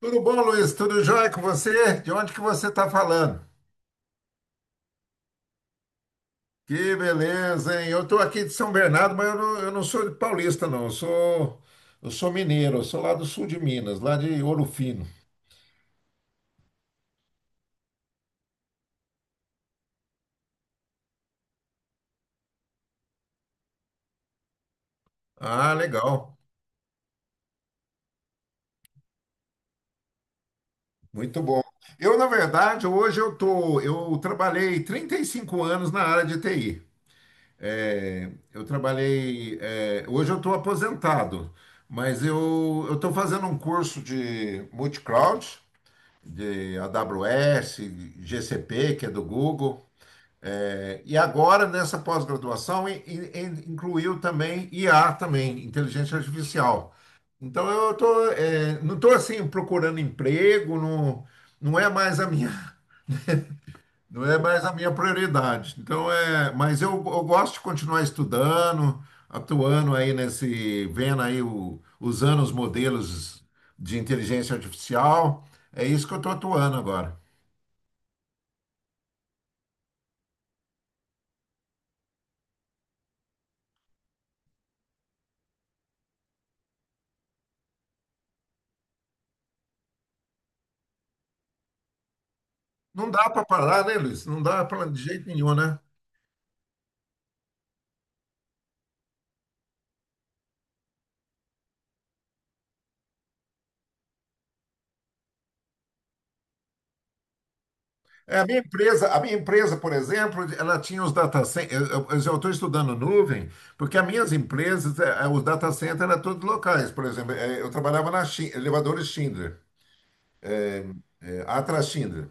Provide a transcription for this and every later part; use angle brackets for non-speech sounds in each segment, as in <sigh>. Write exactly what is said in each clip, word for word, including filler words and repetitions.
Tudo bom, Luiz? Tudo jóia com você? De onde que você está falando? Que beleza, hein? Eu estou aqui de São Bernardo, mas eu não, eu não sou de paulista, não. Eu sou, eu sou mineiro, eu sou lá do sul de Minas, lá de Ouro Fino. Ah, legal. Muito bom. Eu, na verdade, hoje eu tô, eu trabalhei trinta e cinco anos na área de T I. É, eu trabalhei, é, hoje eu estou aposentado, mas eu eu estou fazendo um curso de multicloud de A W S, G C P, que é do Google. É, e agora, nessa pós-graduação, in- in- incluiu também I A, também, inteligência artificial. Então, eu tô, é, não estou assim procurando emprego, não, não é mais a minha, <laughs> não é mais a minha prioridade. Então, é, mas eu, eu gosto de continuar estudando, atuando aí nesse, vendo aí, o, usando os modelos de inteligência artificial. É isso que eu estou atuando agora. Não dá para parar, né, Luiz? Não dá para de jeito nenhum, né? É, a minha empresa, a minha empresa, por exemplo, ela tinha os data centers. Eu estou estudando nuvem, porque as minhas empresas, eh, os data centers eram todos locais. Por exemplo, eh, eu trabalhava na Shi- elevadores Schindler, eh, Atlas Schindler.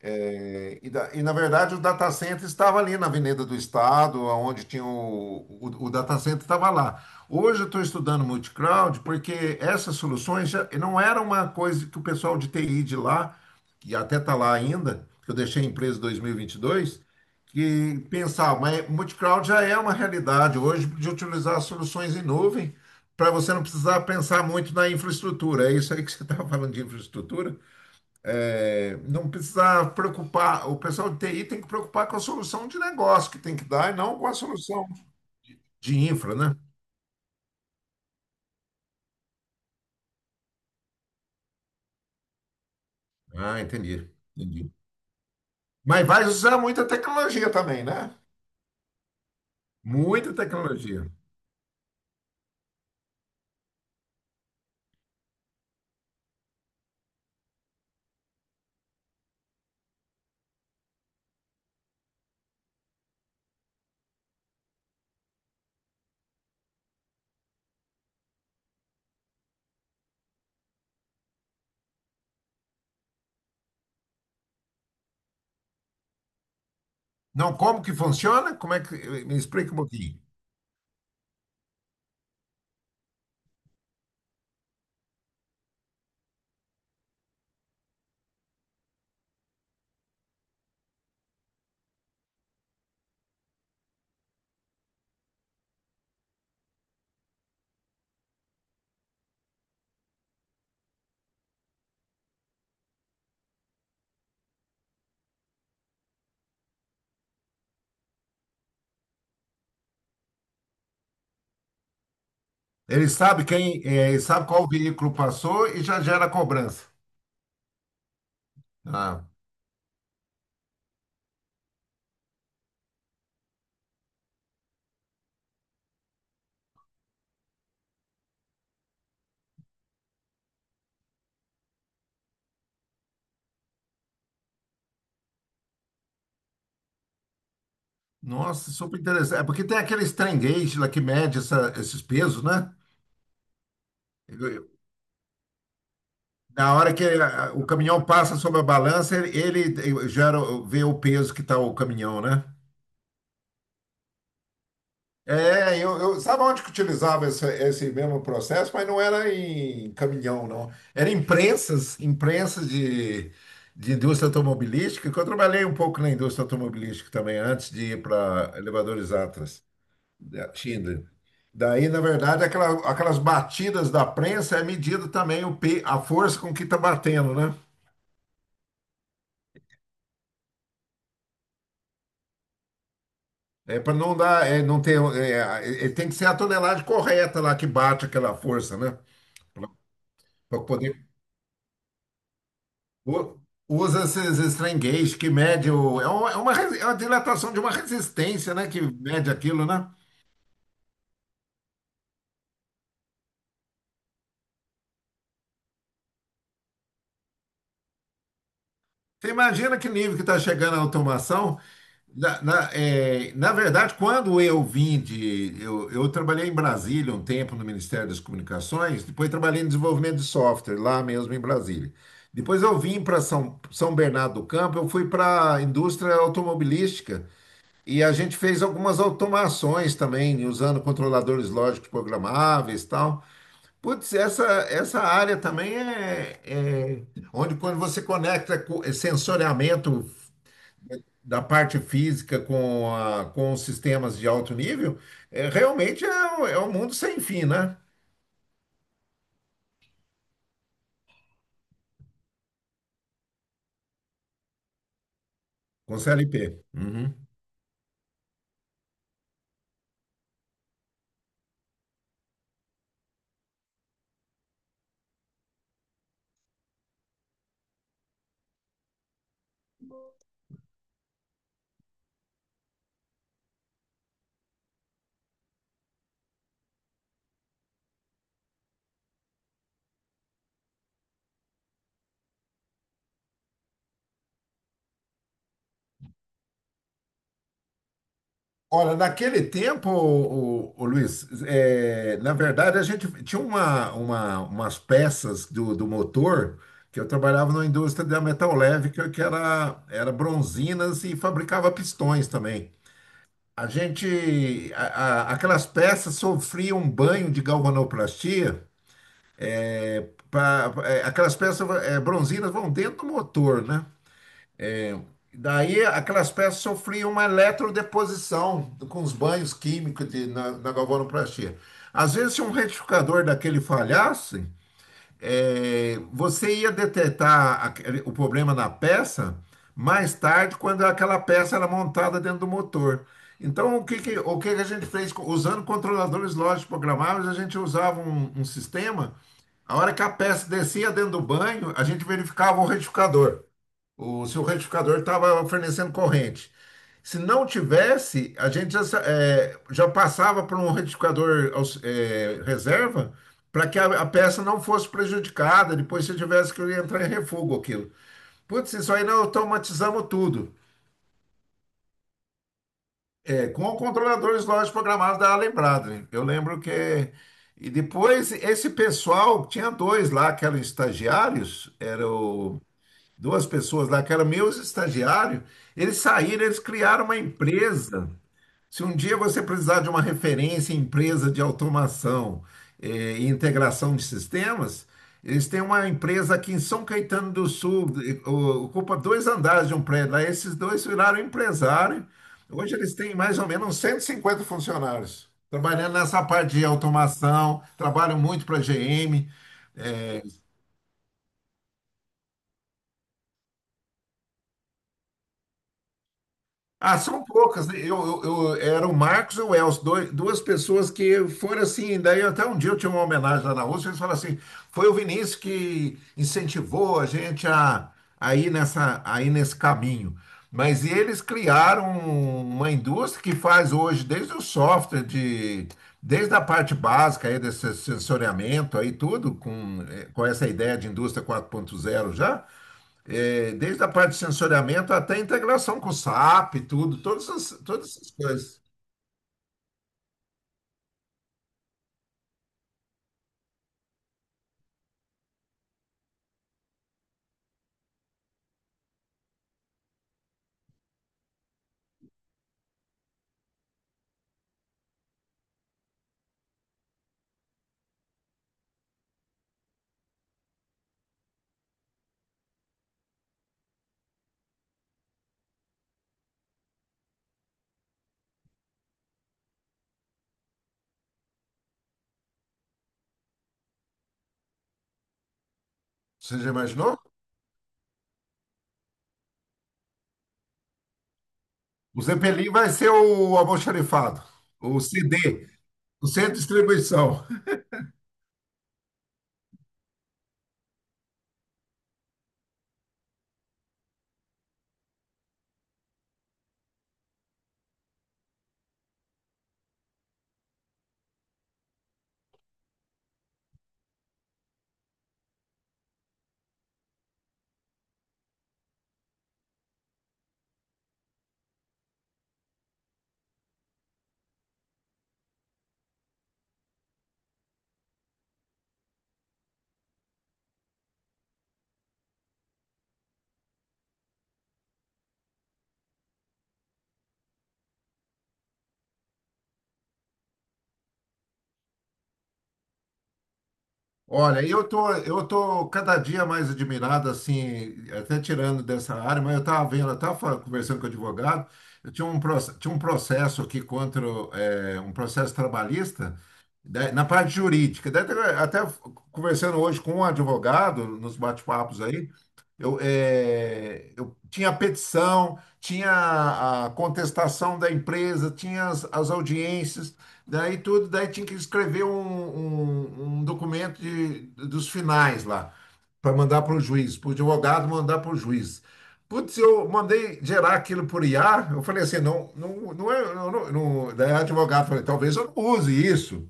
É, e, da- e, na verdade, o data center estava ali na Avenida do Estado, onde tinha o, o, o data center estava lá. Hoje eu estou estudando multicloud porque essas soluções já não era uma coisa que o pessoal de T I de lá, que até está lá ainda, que eu deixei a empresa em dois mil e vinte e dois, que pensava, mas multicloud já é uma realidade hoje de utilizar as soluções em nuvem para você não precisar pensar muito na infraestrutura. É isso aí que você <laughs> estava falando de infraestrutura? É, não precisa preocupar, o pessoal de T I tem que preocupar com a solução de negócio que tem que dar e não com a solução de infra, né? Ah, entendi, entendi. Mas vai usar muita tecnologia também, né? Muita tecnologia. Não, como que funciona? Como é que me explica um pouquinho? Ele sabe quem, é, ele sabe qual veículo passou e já gera cobrança. Ah, nossa, super interessante. É porque tem aqueles trem gauge lá que mede essa- esses pesos, né? Na hora que ah, o caminhão passa sobre a balança, ele, ele eh, gera, vê o peso que está o caminhão, né? É, eu, eu- sabe onde que utilizava esse, esse mesmo processo, mas não era em caminhão, não. Era em prensas, em prensas de, de indústria automobilística, que eu trabalhei um pouco na indústria automobilística também, antes de ir para elevadores Atlas, da Schindler. Daí, na verdade, aquela- aquelas batidas da prensa é medida também o, pe- a força com que está batendo, né? É para não dar, é, não ter, é, é, tem que ser a tonelagem correta lá que bate aquela força, né? Para poder. u- Usa esses strain gauge que mede o. É uma, é uma, res- é uma dilatação de uma resistência, né? Que mede aquilo, né? Você imagina que nível que está chegando a automação? Na, na- é, na verdade, quando eu vim de. Eu, eu trabalhei em Brasília um tempo no Ministério das Comunicações, depois trabalhei em desenvolvimento de software, lá mesmo em Brasília. Depois eu vim para São, São Bernardo do Campo, eu fui para a indústria automobilística e a gente fez algumas automações também, usando controladores lógicos programáveis e tal. Putz, essa, essa área também é, é onde quando você conecta co- sensoriamento da parte física com, a- com os sistemas de alto nível, é, realmente é, um- é um mundo sem fim, né? Com C L P. Uhum. Olha, naquele tempo, o, Luiz, é, na verdade a gente tinha uma, uma- umas peças do, do motor que eu trabalhava na indústria da metal leve, que, que era, era bronzinas e fabricava pistões também. A gente, a- a- aquelas peças sofriam um banho de galvanoplastia. pra- é, aquelas peças, é, bronzinas vão dentro do motor, né? Daí aquelas peças sofriam uma eletrodeposição com os banhos químicos de- na, na galvanoplastia. Às vezes, se um retificador daquele falhasse, é, você ia detectar aquele- o problema na peça mais tarde, quando aquela peça era montada dentro do motor. Então, o que que, o que que a gente fez? Co- Usando controladores lógicos programáveis, a gente usava um, um sistema. A hora que a peça descia dentro do banho, a gente verificava o retificador. O, se o retificador estava fornecendo corrente. Se não tivesse, a gente já, sa- é, já passava para um retificador aux- é, reserva para que a, a peça não fosse prejudicada, depois se tivesse que entrar em refugo aquilo. Putz, isso aí nós automatizamos tudo. É, com controladores lógicos programados da Lembrado. Hein? Eu lembro que. E depois esse pessoal, tinha dois lá que eram estagiários, era o duas pessoas lá, que eram meus estagiários, eles saíram, eles criaram uma empresa. Se um dia você precisar de uma referência em empresa de automação, eh, e integração de sistemas, eles têm uma empresa aqui em São Caetano do Sul, eh, o- ocupa dois andares de um prédio lá. Esses dois viraram empresário. Hoje eles têm mais ou menos uns cento e cinquenta funcionários. Trabalhando nessa parte de automação, trabalham muito para a G M. Ah, são poucas. Né? Eu, eu, eu- era o Marcos e o Elcio, dois, duas pessoas que foram assim. Daí até um dia eu tinha uma homenagem lá na Rússia, eles falaram assim: foi o Vinícius que incentivou a gente a, a ir nessa, a ir nesse caminho. Mas eles criaram uma indústria que faz hoje, desde o software, de, desde a parte básica aí desse sensoriamento aí, tudo, com, eh, com essa ideia de indústria quatro ponto zero já. É, desde a parte de sensoriamento até a integração com o SAP, tudo, todas essas, todas essas coisas. Você já imaginou? O Zeppelin vai ser o almoxarifado, o C D, o centro de distribuição. Olha, eu tô, eu tô cada dia mais admirado, assim, até tirando dessa área, mas eu estava vendo, eu estava conversando com o advogado, eu tinha um, proce- tinha um processo aqui contra, eh, um processo trabalhista, da- na parte jurídica. Daí até, até conversando hoje com um advogado, nos bate-papos aí, eu, eh, eu tinha a petição, tinha a contestação da empresa, tinha as as audiências. Daí tudo, daí tinha que escrever um, um, um documento de, dos finais lá, para mandar para o juiz, para o advogado mandar para o juiz. Putz, eu mandei gerar aquilo por I A, eu falei assim, não, não, não é, não, não, não- daí o advogado falou, talvez eu não use isso.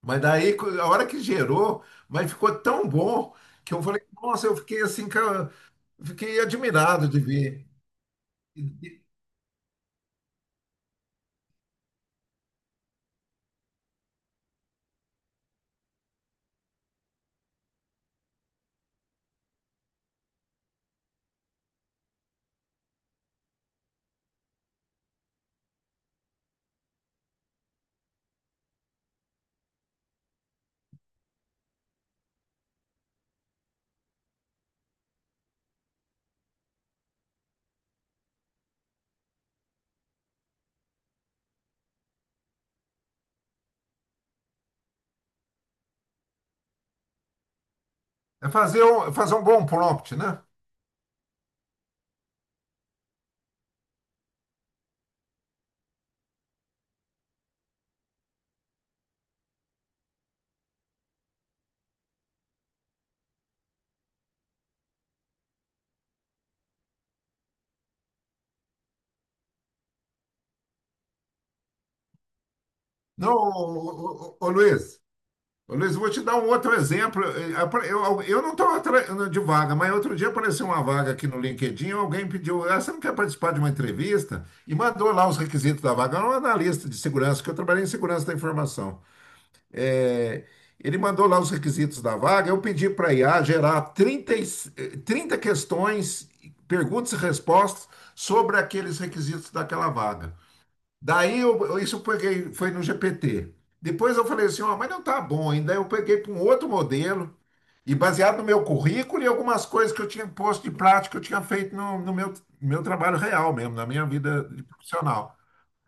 Mas daí, co- a hora que gerou, mas ficou tão bom que eu falei, nossa, eu fiquei assim, cara, fiquei admirado de ver. E- e- é Fazer um, fazer um bom prompt, né? Não, ô, ô, ô, ô, Luiz? Ô, Luiz, vou te dar um outro exemplo. Eu, eu não estou de vaga, mas outro dia apareceu uma vaga aqui no LinkedIn. Alguém pediu, ah, você não quer participar de uma entrevista? E mandou lá os requisitos da vaga. Era um analista de segurança, que eu trabalhei em segurança da informação. Eh, Ele mandou lá os requisitos da vaga. Eu pedi para a I A gerar trinta e- trinta questões, perguntas e respostas sobre aqueles requisitos daquela vaga. Daí eu, eu- isso eu peguei, foi no G P T. Depois eu falei assim, ó, mas não tá bom ainda. Eu peguei para um outro modelo e baseado no meu currículo e algumas coisas que eu tinha posto de prática, que eu tinha feito no, no meu, meu trabalho real mesmo, na minha vida de profissional.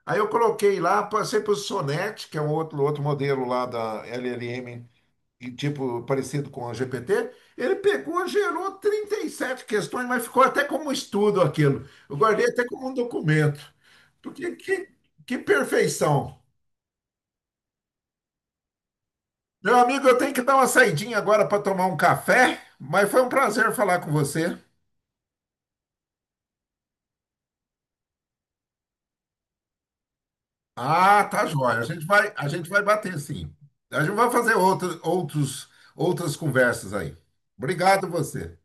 Aí eu coloquei lá, passei para o Sonnet, que é um outro, outro modelo lá da L L M e, tipo parecido com o G P T, ele pegou, gerou trinta e sete questões, mas ficou até como estudo aquilo. Eu guardei até como um documento. Porque que, que perfeição. Meu amigo, eu tenho que dar uma saidinha agora para tomar um café, mas foi um prazer falar com você. Ah, tá jóia. A gente vai, a gente vai bater sim. A gente vai fazer outros, outros, outras conversas aí. Obrigado você.